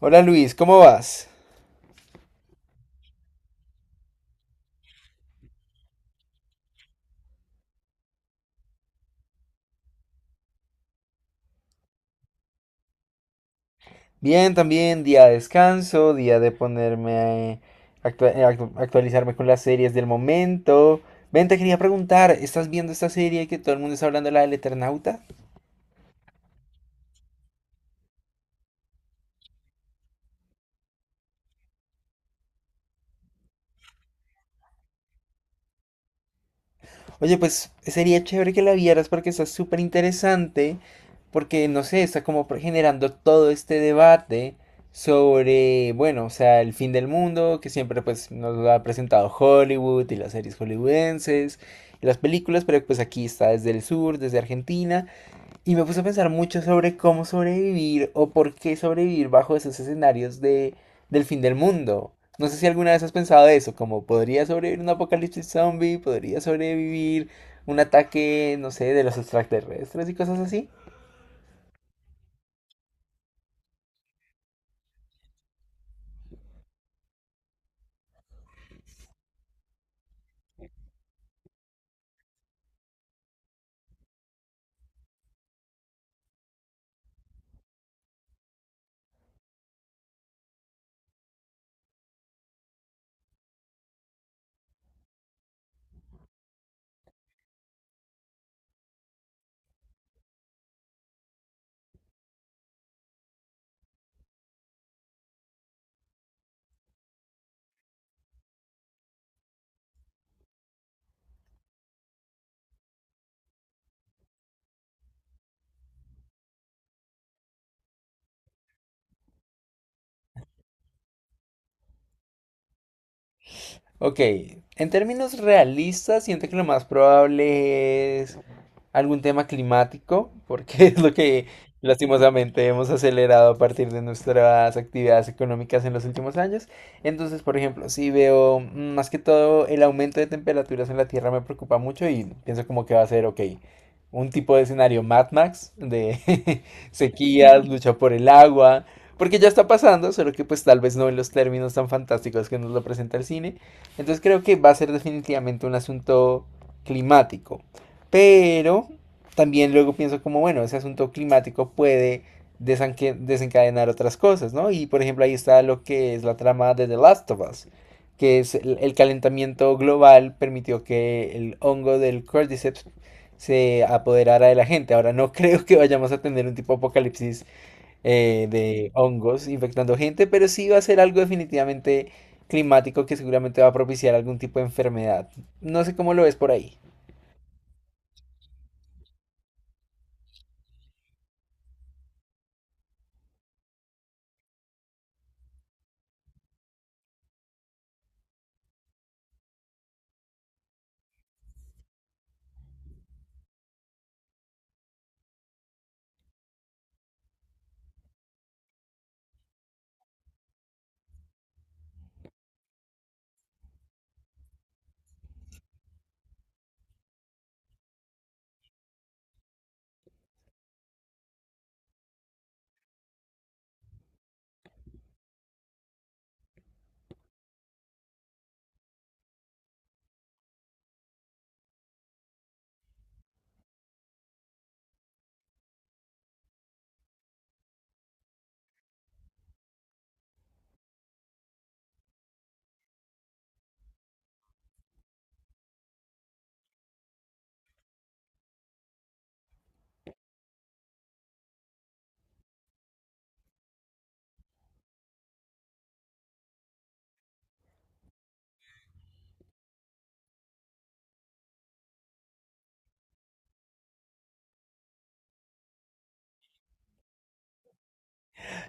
Hola Luis, ¿cómo vas? Bien, también día de descanso, día de ponerme a actualizarme con las series del momento. Ven, te quería preguntar, ¿estás viendo esta serie que todo el mundo está hablando, la del Eternauta? Oye, pues sería chévere que la vieras porque está súper interesante, porque no sé, está como generando todo este debate sobre, bueno, o sea, el fin del mundo, que siempre pues nos lo ha presentado Hollywood y las series hollywoodenses y las películas, pero pues aquí está desde el sur, desde Argentina. Y me puse a pensar mucho sobre cómo sobrevivir o por qué sobrevivir bajo esos escenarios del fin del mundo. No sé si alguna vez has pensado eso, como podría sobrevivir un apocalipsis zombie, podría sobrevivir un ataque, no sé, de los extraterrestres y cosas así. Ok, en términos realistas, siento que lo más probable es algún tema climático, porque es lo que lastimosamente hemos acelerado a partir de nuestras actividades económicas en los últimos años. Entonces, por ejemplo, si veo más que todo el aumento de temperaturas en la Tierra me preocupa mucho y pienso como que va a ser, ok, un tipo de escenario Mad Max, de sequías, lucha por el agua. Porque ya está pasando, solo que pues tal vez no en los términos tan fantásticos que nos lo presenta el cine. Entonces creo que va a ser definitivamente un asunto climático. Pero también luego pienso como, bueno, ese asunto climático puede desencadenar otras cosas, ¿no? Y por ejemplo ahí está lo que es la trama de The Last of Us, que es el calentamiento global permitió que el hongo del Cordyceps se apoderara de la gente. Ahora no creo que vayamos a tener un tipo de apocalipsis de hongos infectando gente, pero sí va a ser algo definitivamente climático que seguramente va a propiciar algún tipo de enfermedad. No sé cómo lo ves por ahí.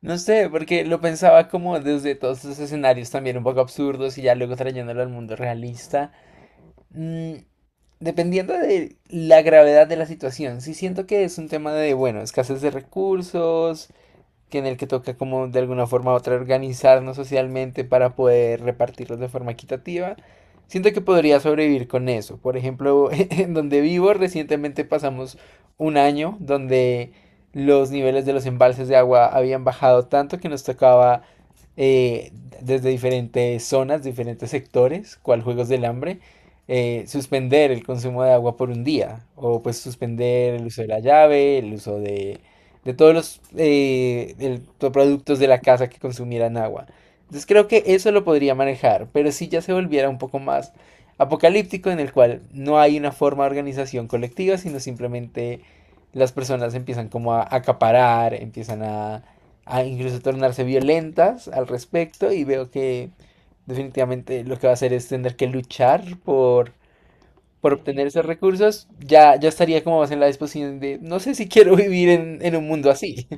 No sé, porque lo pensaba como desde todos estos escenarios también un poco absurdos y ya luego trayéndolo al mundo realista. Mm, Dependiendo de la gravedad de la situación, sí siento que es un tema de, bueno, escasez de recursos, que en el que toca como de alguna forma u otra organizarnos socialmente para poder repartirlos de forma equitativa. Siento que podría sobrevivir con eso. Por ejemplo, en donde vivo recientemente pasamos un año donde los niveles de los embalses de agua habían bajado tanto que nos tocaba eh, desde diferentes zonas, diferentes sectores, cual Juegos del Hambre, suspender el consumo de agua por un día o pues suspender el uso de la llave, el uso de todos los los productos de la casa que consumieran agua. Entonces creo que eso lo podría manejar, pero si ya se volviera un poco más apocalíptico en el cual no hay una forma de organización colectiva, sino simplemente las personas empiezan como a acaparar, empiezan a incluso tornarse violentas al respecto y veo que definitivamente lo que va a hacer es tener que luchar por obtener esos recursos, ya estaría como más en la disposición de, no sé si quiero vivir en un mundo así.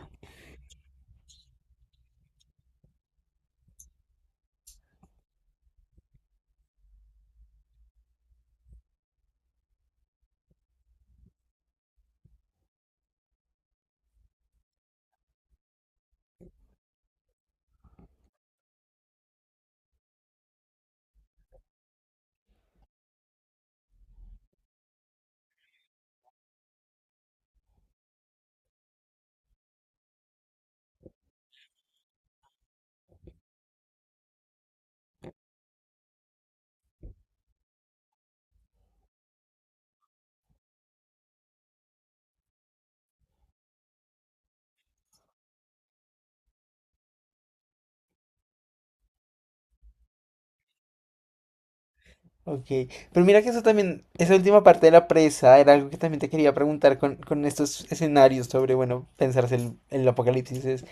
Ok, pero mira que eso también, esa última parte de la presa era algo que también te quería preguntar con estos escenarios sobre, bueno, pensarse el apocalipsis.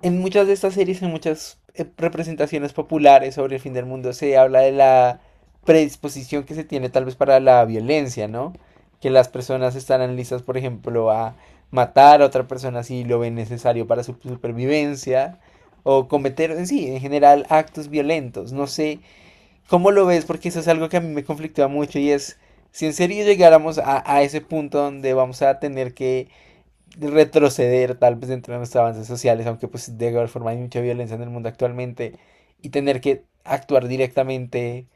En muchas de estas series, en muchas representaciones populares sobre el fin del mundo, se habla de la predisposición que se tiene tal vez para la violencia, ¿no? Que las personas estarán listas, por ejemplo, a matar a otra persona si lo ven necesario para su supervivencia, o cometer en sí, en general, actos violentos. No sé. ¿Cómo lo ves? Porque eso es algo que a mí me conflictúa mucho y es, si en serio llegáramos a ese punto donde vamos a tener que retroceder tal vez dentro de nuestros avances sociales, aunque pues de alguna forma hay mucha violencia en el mundo actualmente, y tener que actuar directamente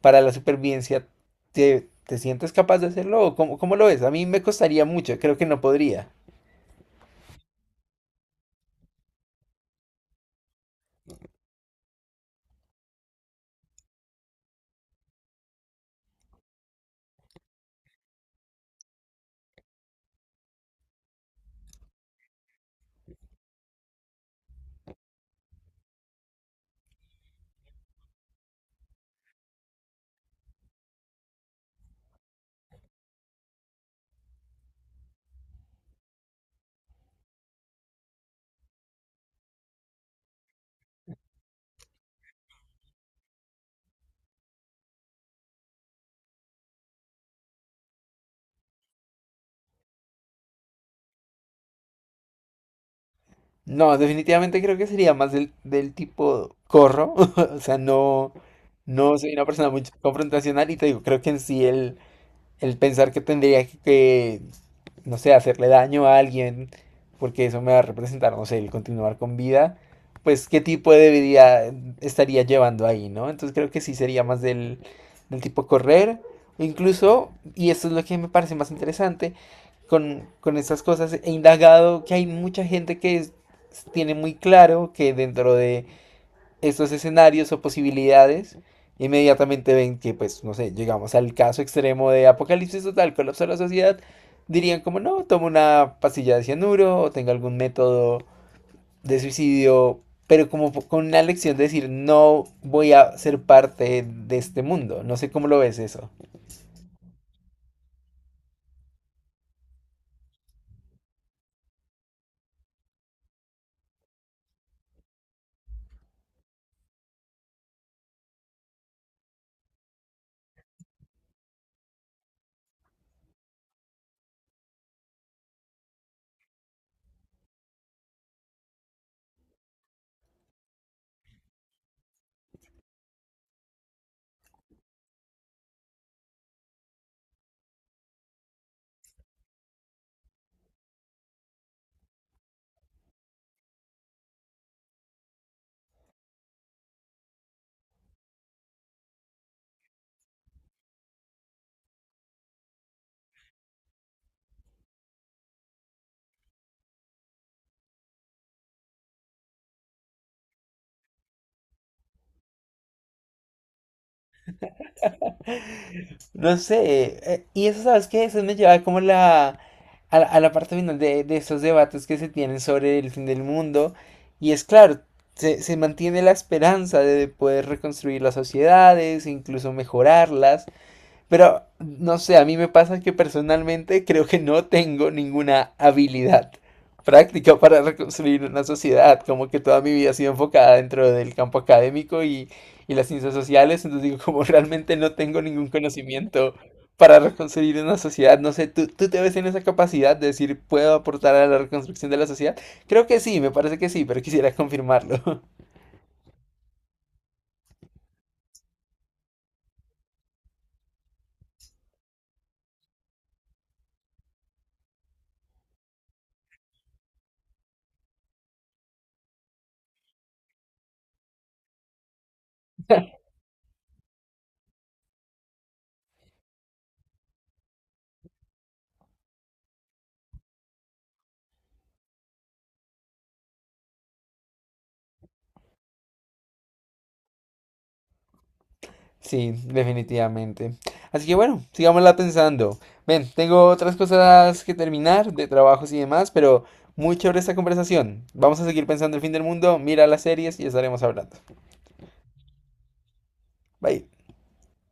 para la supervivencia, te sientes capaz de hacerlo? ¿O cómo, cómo lo ves? A mí me costaría mucho, creo que no podría. No, definitivamente creo que sería más del tipo corro. O sea, no, no soy una persona muy confrontacional y te digo, creo que en sí el pensar que tendría no sé, hacerle daño a alguien, porque eso me va a representar, no sé, el continuar con vida, pues qué tipo de vida estaría llevando ahí, ¿no? Entonces creo que sí sería más del tipo correr, o incluso, y esto es lo que me parece más interesante, con estas cosas he indagado que hay mucha gente que tiene muy claro que dentro de estos escenarios o posibilidades, inmediatamente ven que, pues, no sé, llegamos al caso extremo de apocalipsis total, colapso de la sociedad, dirían como, no, toma una pastilla de cianuro o tenga algún método de suicidio, pero como con una lección de decir, no voy a ser parte de este mundo. No sé cómo lo ves eso. No sé, y eso, ¿sabes qué? Eso me lleva como la, a, la a la parte final de estos debates que se tienen sobre el fin del mundo. Y es claro, se mantiene la esperanza de poder reconstruir las sociedades, incluso mejorarlas, pero no sé, a mí me pasa que personalmente creo que no tengo ninguna habilidad práctica para reconstruir una sociedad, como que toda mi vida ha sido enfocada dentro del campo académico y las ciencias sociales, entonces digo, como realmente no tengo ningún conocimiento para reconstruir una sociedad, no sé, tú te ves en esa capacidad de decir, puedo aportar a la reconstrucción de la sociedad? Creo que sí, me parece que sí, pero quisiera confirmarlo. Sí, definitivamente. Así que bueno, sigámosla pensando. Ven, tengo otras cosas que terminar, de trabajos y demás, pero muy chévere esta conversación. Vamos a seguir pensando el fin del mundo, mira las series y estaremos hablando. Bye.